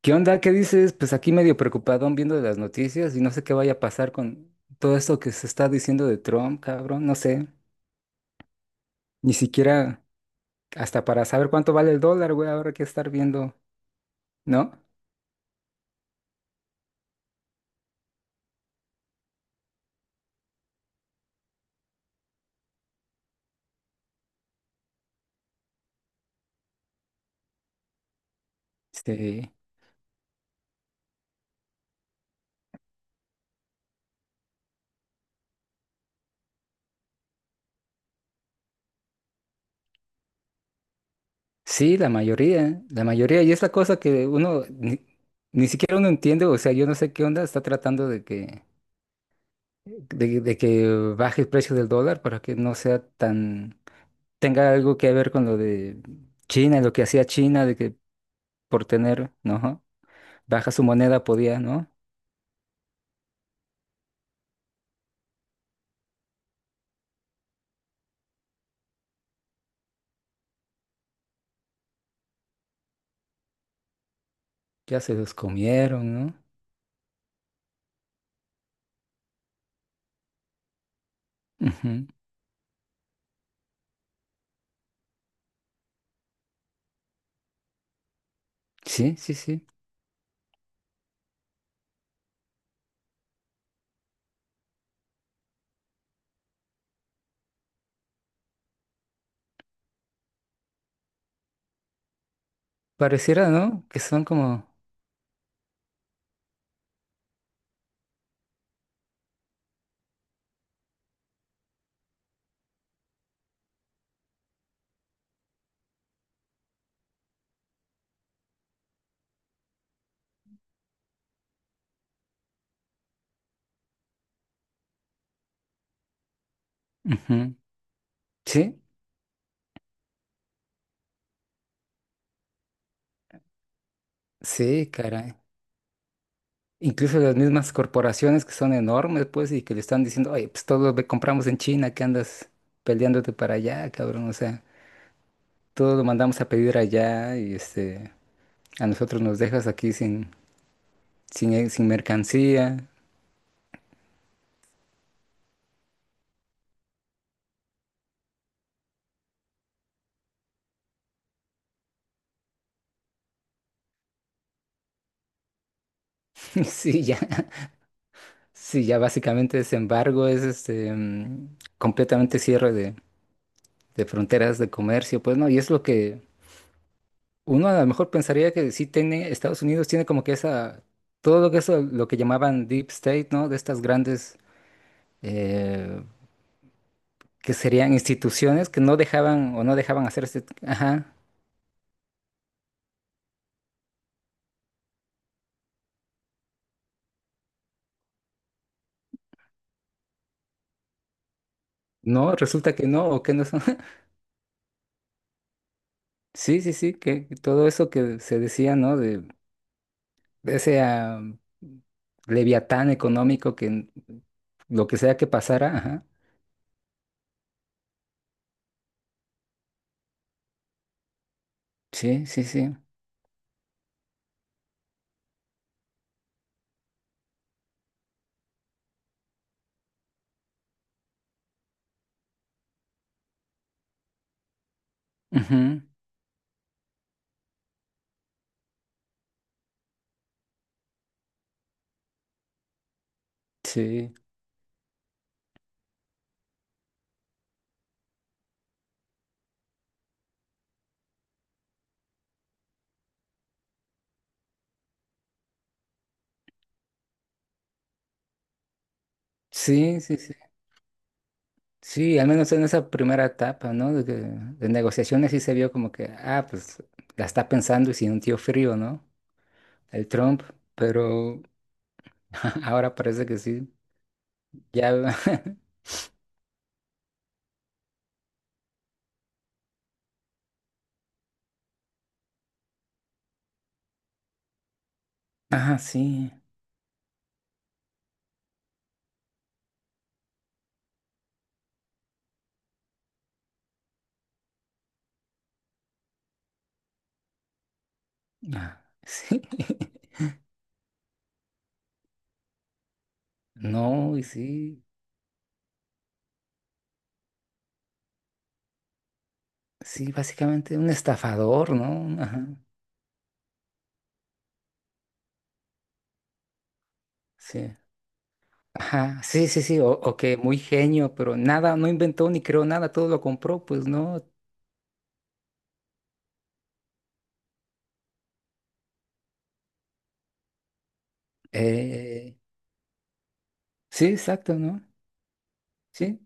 ¿Qué onda? ¿Qué dices? Pues aquí medio preocupadón viendo las noticias y no sé qué vaya a pasar con todo esto que se está diciendo de Trump, cabrón, no sé. Ni siquiera hasta para saber cuánto vale el dólar, güey, ahora hay que estar viendo, ¿no? Sí. Sí, la mayoría, la mayoría. Y es la cosa que uno ni, ni siquiera uno entiende, o sea, yo no sé qué onda, está tratando de que, de que baje el precio del dólar para que no sea tan, tenga algo que ver con lo de China, lo que hacía China, de que por tener, ¿no? Baja su moneda podía, ¿no? Ya se los comieron, ¿no? Ujú. Sí, sí, sí. Pareciera, ¿no? Que son como... ujú. Sí, sí, caray. Incluso las mismas corporaciones que son enormes, pues, y que le están diciendo, oye, pues todo lo compramos en China, que andas peleándote para allá, cabrón. O sea, todo lo mandamos a pedir allá y a nosotros nos dejas aquí sin, sin, sin mercancía. Sí, ya. Sí, ya básicamente ese embargo es completamente cierre de fronteras, de comercio, pues no, y es lo que uno a lo mejor pensaría que sí tiene, Estados Unidos tiene como que esa, todo lo que eso, lo que llamaban Deep State, ¿no? De estas grandes, eh, que serían instituciones que no dejaban o no dejaban hacer este ajá, no, resulta que no, o que no son, sí, sí, sí, que todo eso que se decía, ¿no? De ese leviatán económico que lo que sea que pasara, ajá, sí, sí, sí, ujú, sí. Sí, sí, sí. Sí, al menos en esa primera etapa, ¿no? De, de negociaciones sí se vio como que, ah, pues la está pensando y sintió frío, ¿no? El Trump, pero ahora parece que sí. Ya, ah, sí, ah, sí. No, y sí, sí, básicamente un estafador, ¿no? Ajá, sí. Ajá, sí, sí, sí, o que muy genio, pero nada, no inventó ni creó nada, todo lo compró, pues, ¿no? Eh, sí, exacto, ¿no? Sí.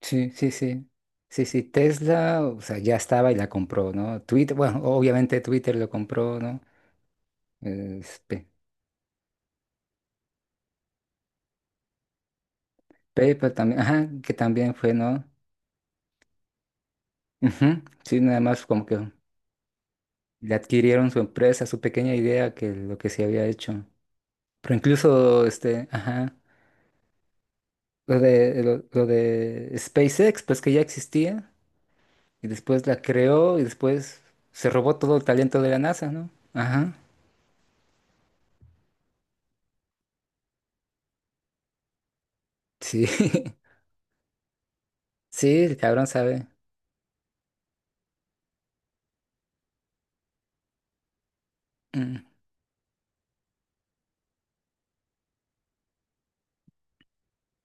Sí, sí, sí. Sí, sí, Tesla, o sea, ya estaba y la compró, ¿no? Twitter, bueno, obviamente Twitter lo compró, ¿no? Es Pe- PayPal también, ajá, que también fue, ¿no? Ujú, sí, nada más como que le adquirieron su empresa, su pequeña idea que lo que se había hecho. Pero incluso, este, ajá, lo de SpaceX, pues que ya existía, y después la creó y después se robó todo el talento de la NASA, ¿no? Ajá, sí, sí, el cabrón sabe. Mm.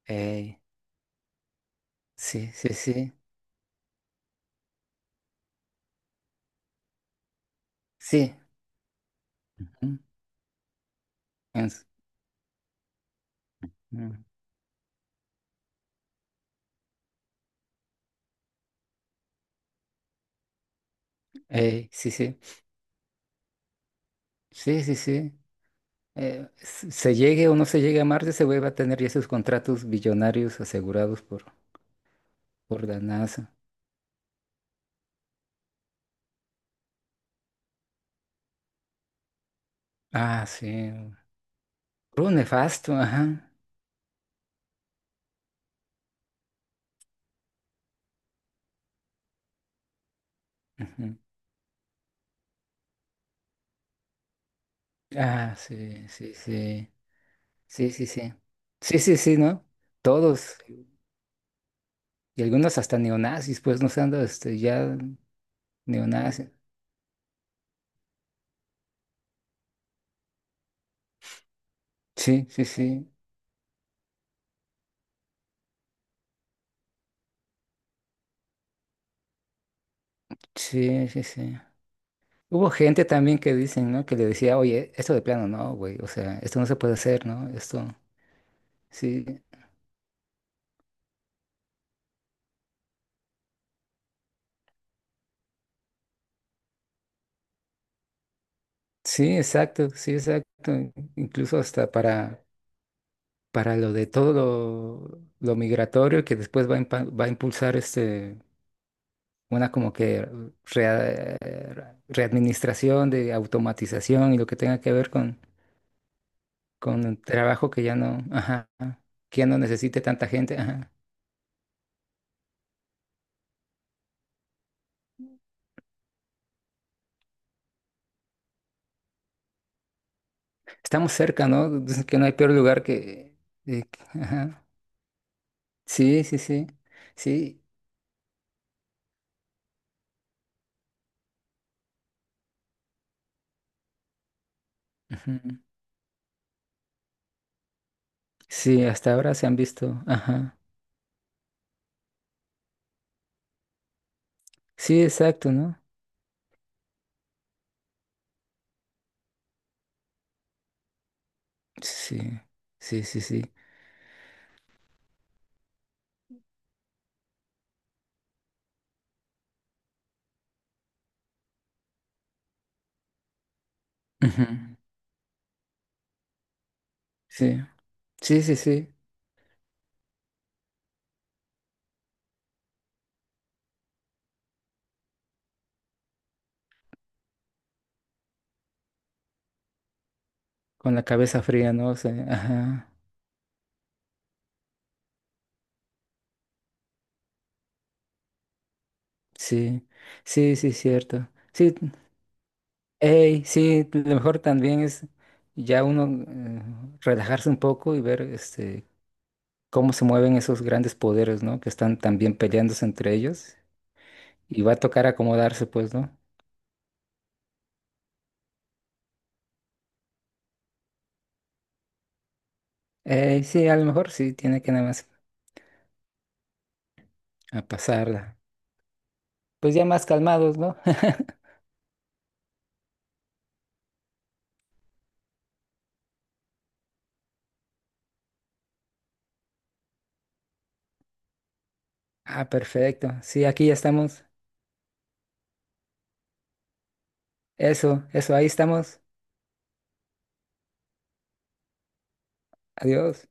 Ey, sí, sí, sí, sí. mm, ens- mm, ey, sí, sí, sí, sí, sí. Se llegue o no se llegue a Marte, se va a tener ya esos contratos billonarios asegurados por la NASA. Ah, sí. Por un nefasto, ajá. Ujú. Ah, sí, sí, sí. Sí, sí, sí. Sí, sí, sí, ¿no? Todos. Y algunos hasta neonazis, pues, no sé, ando, este, ya neonazis. Sí, sí, sí. Sí, sí, sí. Hubo gente también que dicen, ¿no? Que le decía, oye, esto de plano no, güey, o sea, esto no se puede hacer, ¿no? Esto, sí, sí, exacto, sí, exacto. Incluso hasta para lo de todo lo migratorio que después va a, va a impulsar este, una como que rea- readministración de automatización y lo que tenga que ver con el trabajo que ya no, ajá, que ya no necesite tanta gente, ajá. Estamos cerca, ¿no? Dicen que no hay peor lugar que... ajá. Sí, sí, sí, sí, ujú. Sí, hasta ahora se han visto, ajá, sí, exacto, ¿no? Sí, sí, sí, sí, ujú, sí, sí, sí, sí, con la cabeza fría, ¿no? O sea, ajá, sí, sí, sí, cierto, sí, ey, sí, lo mejor también es ya uno relajarse un poco y ver, este, cómo se mueven esos grandes poderes, ¿no? Que están también peleándose entre ellos y va a tocar acomodarse, pues, ¿no? Sí, a lo mejor sí, tiene que nada más a pasarla. Pues ya más calmados, ¿no? Ah, perfecto. Sí, aquí ya estamos. Eso, ahí estamos. Adiós.